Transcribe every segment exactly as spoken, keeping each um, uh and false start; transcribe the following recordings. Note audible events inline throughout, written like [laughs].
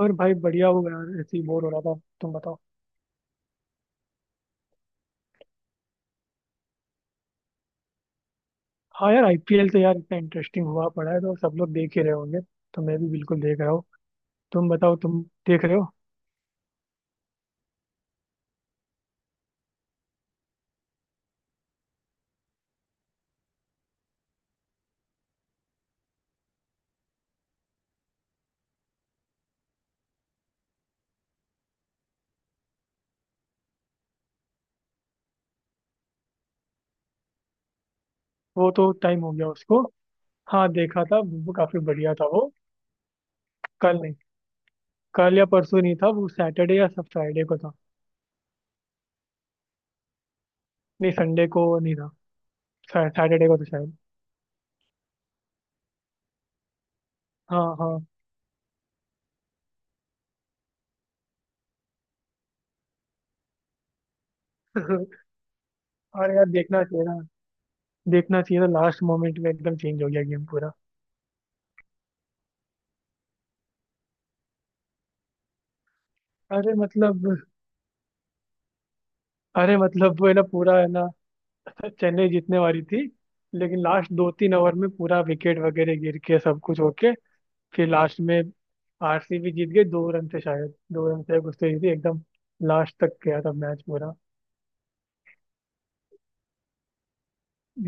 और भाई बढ़िया हो यार। ऐसे ही बोर हो रहा था। तुम बताओ। हाँ यार, आईपीएल तो यार इतना इंटरेस्टिंग हुआ पड़ा है तो सब लोग देख ही रहे होंगे। तो मैं भी बिल्कुल देख रहा हूँ। तुम बताओ, तुम देख रहे हो? वो तो टाइम हो गया उसको। हाँ देखा था, वो काफी बढ़िया था वो। कल नहीं, कल या परसों नहीं था वो, सैटरडे या सब फ्राइडे को था। नहीं, संडे को नहीं था। सैटरडे को तो शायद। हाँ हाँ। [laughs] और यार देखना चाहिए ना। देखना चाहिए था, लास्ट मोमेंट में एकदम चेंज हो गया गेम पूरा। अरे मतलब, अरे मतलब वो है ना, पूरा है ना। चेन्नई जीतने वाली थी, लेकिन लास्ट दो तीन ओवर में पूरा विकेट वगैरह गिर के सब कुछ होके, फिर लास्ट में आरसीबी जीत गई दो रन से, शायद दो रन से कुछ, तो जीती एकदम। लास्ट तक गया था मैच पूरा।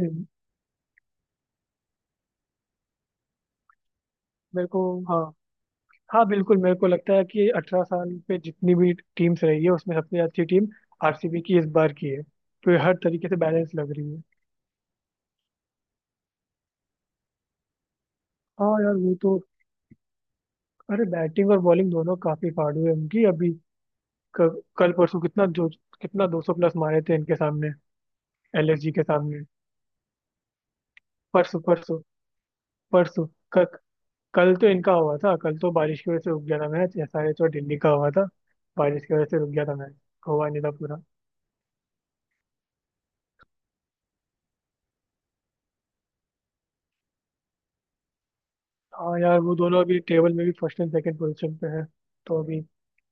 हम्म, मेरे को, हाँ। हाँ बिल्कुल, मेरे को लगता है कि अठारह साल पे जितनी भी टीम्स रही है उसमें सबसे अच्छी टीम आरसीबी की इस बार की है। तो ये हर तरीके से बैलेंस लग रही है। हाँ यार वो तो, अरे बैटिंग और बॉलिंग दोनों काफी फाड़ू है उनकी अभी। क- कल परसों कितना जो, कितना दो सौ प्लस मारे थे इनके सामने, एलएसजी के सामने। परसों, परसों, परसों। क- कल तो इनका हुआ था, कल तो बारिश की वजह से रुक गया था मैच। एसआरएच और दिल्ली का हुआ था, बारिश की वजह से रुक गया था मैच, हुआ नहीं था पूरा। हाँ यार, वो दोनों अभी टेबल में भी फर्स्ट एंड सेकंड पोजीशन पे है। तो अभी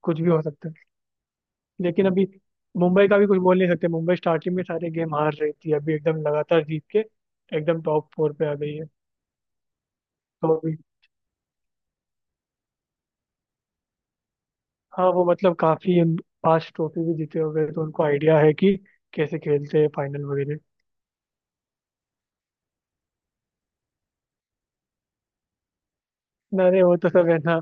कुछ भी हो सकता है, लेकिन अभी मुंबई का भी कुछ बोल नहीं सकते। मुंबई स्टार्टिंग में सारे गेम हार रही थी, अभी एकदम लगातार जीत के एकदम टॉप फोर पे आ गई है। तो अभी, हाँ वो मतलब काफी उन- पांच ट्रॉफी भी जीते हो गए तो उनको आइडिया है कि कैसे खेलते हैं फाइनल वगैरह। ना अरे, वो तो सब है ना,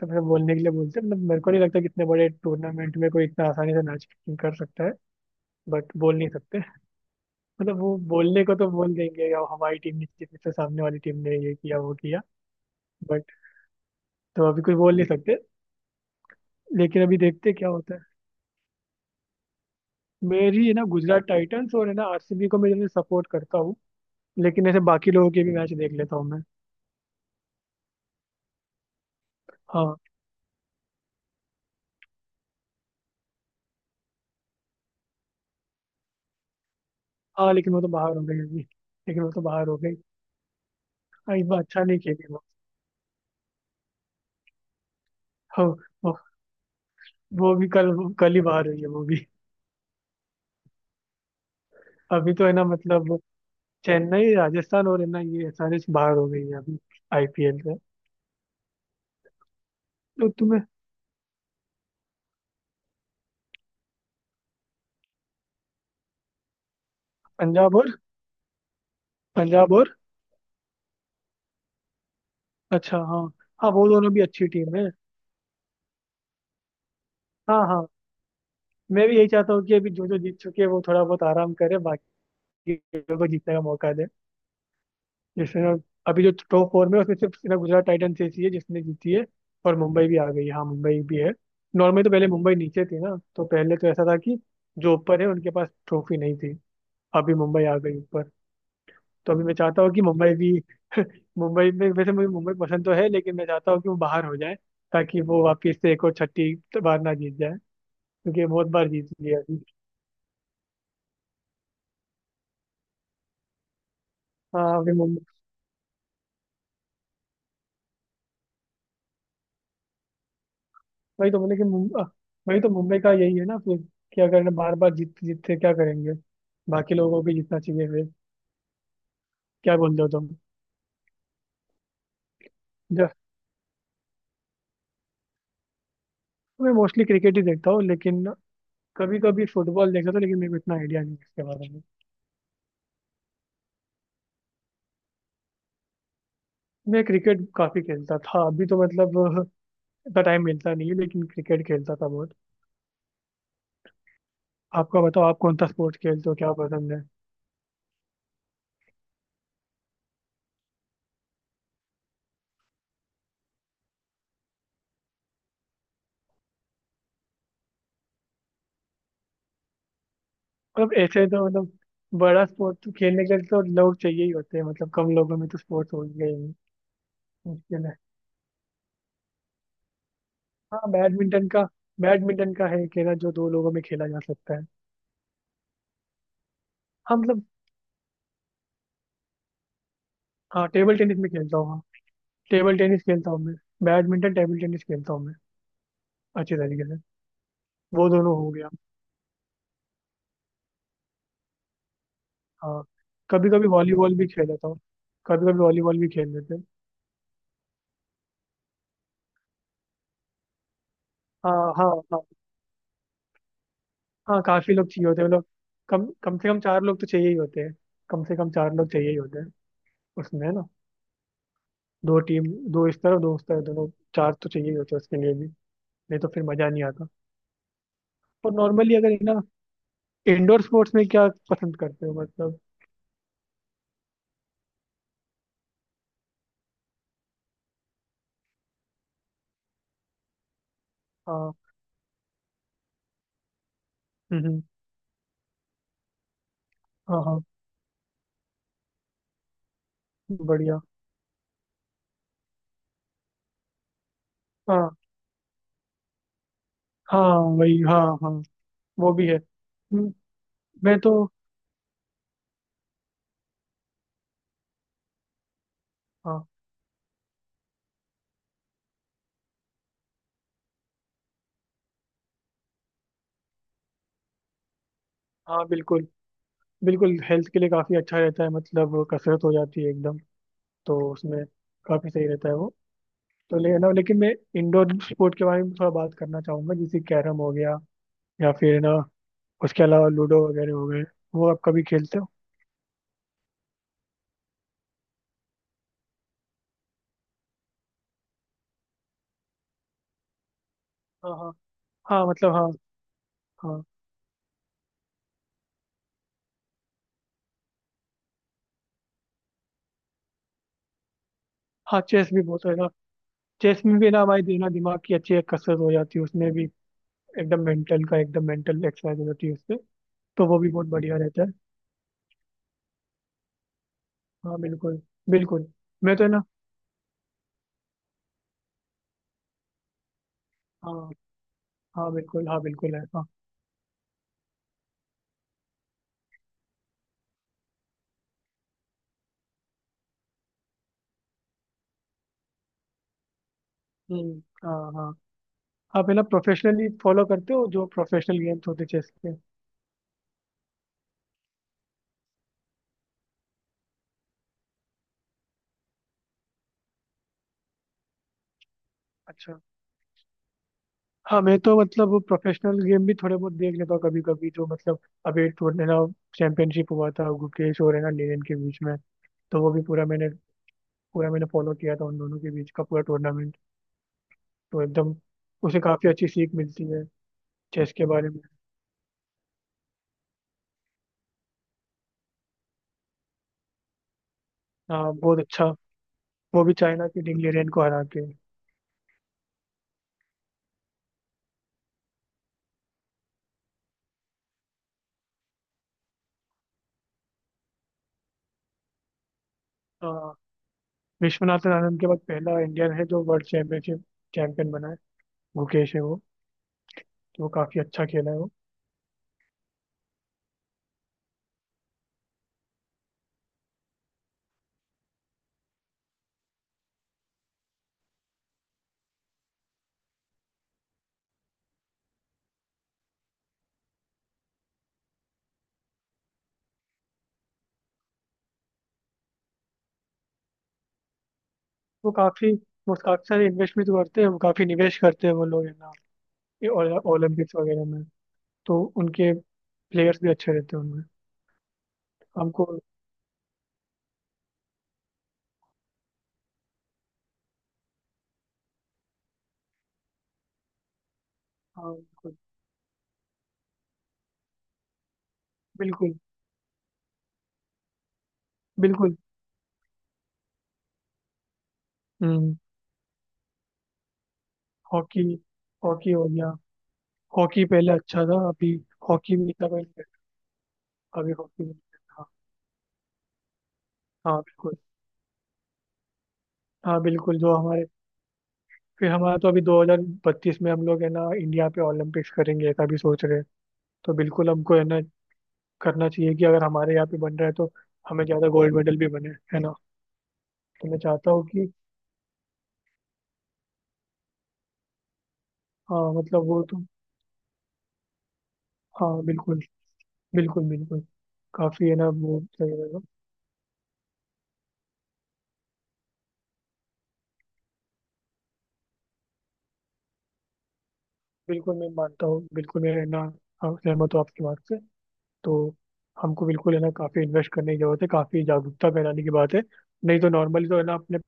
तो मैं बोलने के लिए बोलते हैं। मतलब मेरे को नहीं लगता कि इतने बड़े टूर्नामेंट में कोई इतना आसानी से मैच कर सकता है। बट बोल नहीं सकते, मतलब वो बोलने को तो बोल देंगे या हमारी टीम ने जीती तो सामने वाली टीम ने ये किया वो किया। बट तो अभी कुछ बोल नहीं सकते, लेकिन अभी देखते हैं क्या होता है। मेरी है ना गुजरात टाइटंस, और है ना आरसीबी को मैं सपोर्ट करता हूँ। लेकिन ऐसे बाकी लोगों के भी मैच देख लेता हूँ मैं। हाँ हाँ, लेकिन वो तो बाहर हो गई अभी, लेकिन वो तो बाहर हो गई। हाँ, इस बार अच्छा नहीं खेली वो। हाँ, वो वो भी कल, कल ही बाहर हुई है वो भी। अभी तो है ना मतलब चेन्नई, राजस्थान और है ना ये एसआरएच बाहर हो गई है अभी आईपीएल से। तो तुम्हें, पंजाब और पंजाब और अच्छा, हाँ हाँ, वो दोनों भी अच्छी टीम है। हाँ हाँ, मैं भी यही चाहता हूँ कि अभी जो जो जीत चुके हैं वो थोड़ा बहुत आराम करे, बाकी लोगों को जीतने का मौका दे। जिसमें ना, अभी जो टॉप फोर में है, उसमें सिर्फ ना गुजरात टाइटंस ऐसी है जिसने जीती है। और मुंबई भी आ गई है, हाँ मुंबई भी है। नॉर्मली तो पहले मुंबई नीचे थी ना, तो पहले तो ऐसा था कि जो ऊपर है उनके पास ट्रॉफी नहीं थी। अभी मुंबई आ गई ऊपर, तो अभी मैं चाहता हूँ कि मुंबई भी [laughs] मुंबई में वैसे मुझे मुंबई पसंद तो है, लेकिन मैं चाहता हूँ कि वो बाहर हो जाए, ताकि वो वापस से एक और छठी बार ना जीत जाए, क्योंकि ये बहुत बार जीत लिया अभी। हाँ अभी मुंबई, वही तो बोले कि मुंब- अ, वही तो मुंबई का यही है ना फिर, कि अगर बार बार जीत जीतते क्या करेंगे, बाकी लोगों को भी जीतना चाहिए फिर। क्या बोल रहे हो तुम? ज- मैं मोस्टली क्रिकेट ही देखता हूँ, लेकिन कभी कभी फुटबॉल देखता था, लेकिन मेरे को इतना आइडिया नहीं है इसके बारे में। मैं क्रिकेट काफी खेलता था, अभी तो मतलब इतना टाइम मिलता नहीं है, लेकिन क्रिकेट खेलता था बहुत। आपका बताओ, आप कौन सा स्पोर्ट खेलते हो, क्या पसंद है? मतलब ऐसे तो मतलब बड़ा स्पोर्ट खेलने के लिए तो लोग चाहिए ही होते हैं। मतलब कम लोगों में तो स्पोर्ट्स हो ही गए ही मुश्किल है। हाँ बैडमिंटन का, बैडमिंटन का है खेला, जो दो लोगों में खेला जा सकता है। हाँ मतलब, हाँ टेबल टेनिस में खेलता हूँ। हाँ टेबल टेनिस खेलता हूँ मैं, बैडमिंटन टेबल टेनिस खेलता हूँ मैं अच्छे तरीके से। वो दोनों हो गया। हाँ, कभी कभी वॉलीबॉल भी खेल लेता हूँ, कभी कभी वॉलीबॉल भी खेल लेते हैं। हाँ हाँ हाँ, हाँ काफी लोग चाहिए होते हैं मतलब, कम कम से कम चार लोग तो चाहिए ही होते हैं, कम से कम चार लोग चाहिए ही होते हैं उसमें, है ना। दो टीम, दो इस तरफ दो उस तरफ, दोनों चार तो चाहिए ही होते हैं उसके लिए भी, नहीं तो फिर मजा नहीं आता। और नॉर्मली अगर है ना, इंडोर स्पोर्ट्स में क्या पसंद करते हो मतलब? हाँ। हम्म हम्म, हाँ हाँ बढ़िया। हाँ हाँ वही, हाँ हाँ वो भी है। हम्म, मैं तो, हाँ हाँ बिल्कुल। बिल्कुल, हेल्थ के लिए काफी अच्छा रहता है मतलब, कसरत हो जाती है एकदम। तो उसमें काफी सही रहता है वो। तो ले ना, लेकिन मैं इंडोर स्पोर्ट के बारे में थोड़ा बात करना चाहूंगा, जैसे कैरम हो गया या फिर ना, उसके अलावा लूडो वगैरह हो गए, वो आप कभी खेलते हो? हाँ हाँ, हाँ मतलब हाँ, हाँ हाँ चेस भी बहुत है ना। चेस में भी ना, हमारी देना दिमाग की अच्छी एक कसरत हो जाती है उसमें भी, एकदम मेंटल का, एकदम मेंटल एक्सरसाइज हो जाती है उससे, तो वो भी बहुत बढ़िया रहता है। हाँ बिल्कुल, बिल्कुल मैं तो है ना, हाँ हाँ बिल्कुल, हाँ बिल्कुल है हाँ। हम्म, हाँ हाँ, आप है ना प्रोफेशनली फॉलो करते हो जो प्रोफेशनल गेम्स होते चेस के? अच्छा। हाँ मैं तो मतलब, वो प्रोफेशनल गेम भी थोड़े बहुत देख लेता हूँ कभी कभी, जो मतलब अभी एक टूर्नामेंट ना, चैंपियनशिप हुआ था गुकेश और है ना लेनिन के बीच में, तो वो भी पूरा मैंने, पूरा मैंने फॉलो किया था उन दोनों के बीच का पूरा टूर्नामेंट। तो एकदम उसे काफ़ी अच्छी सीख मिलती है चेस के बारे में। हाँ बहुत अच्छा, वो भी चाइना के डिंग लिरेन को हरा के। हाँ, विश्वनाथन आनंद के बाद पहला इंडियन है जो वर्ल्ड चैंपियनशिप चैंपियन बना है, गुकेश है वो। तो वो काफ़ी अच्छा खेला है वो। वो काफ़ी, वो काफ़ी सारे इन्वेस्टमेंट करते हैं, वो काफ़ी निवेश करते हैं वो लोग है ना, ये ओल- ओलंपिक्स वगैरह में। तो उनके प्लेयर्स भी अच्छे रहते हैं उनमें। हमको, हाँ बिल्कुल बिल्कुल बिल्कुल। हम्म, हॉकी, हॉकी हो गया। हॉकी पहले अच्छा था, अभी हॉकी भी इतना कोई नहीं करता, अभी हॉकी भी नहीं करता। हाँ हाँ बिल्कुल। हाँ बिल्कुल जो हमारे, फिर हमारा तो अभी दो हज़ार बत्तीस में हम लोग है ना इंडिया पे ओलंपिक्स करेंगे ऐसा भी सोच रहे हैं। तो बिल्कुल हमको है ना करना चाहिए कि अगर हमारे यहाँ पे बन रहा है तो हमें ज़्यादा गोल्ड मेडल भी बने, है ना। तो मैं चाहता हूँ कि, हाँ मतलब वो तो, हाँ बिल्कुल बिल्कुल बिल्कुल, काफी है ना, वो सही रहेगा। बिल्कुल मैं मानता हूँ, बिल्कुल मैं है ना, हाँ, सहमत हूँ आपकी बात से। तो हमको बिल्कुल है ना काफी इन्वेस्ट करने की जरूरत है, काफी जागरूकता फैलाने की बात है। नहीं तो नॉर्मली तो है ना, अपने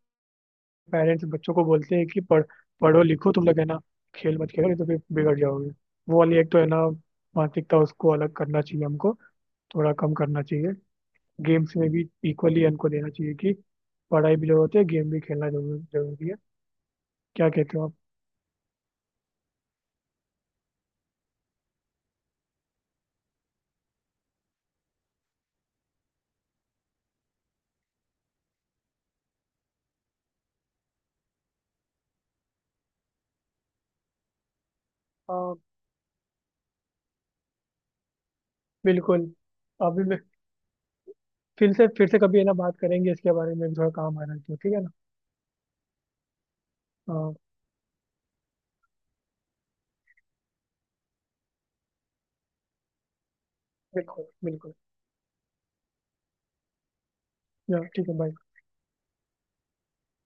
पेरेंट्स बच्चों को बोलते हैं कि पढ़ पढ़ो लिखो तुम लोग, है ना, खेल मत खेलो नहीं तो फिर बिगड़ जाओगे। वो वाली एक तो है ना मानसिकता, उसको अलग करना चाहिए हमको, थोड़ा कम करना चाहिए। गेम्स में भी इक्वली हमको देना चाहिए कि पढ़ाई भी जरूरत है, गेम भी खेलना जरूर- जरूरी है। क्या कहते हो आप? बिल्कुल, अभी मैं फिर से फिर से कभी है ना बात करेंगे इसके बारे में भी, थोड़ा काम आ रहा है तो ठीक है ना। हाँ बिल्कुल बिल्कुल। या, ठीक है बाय।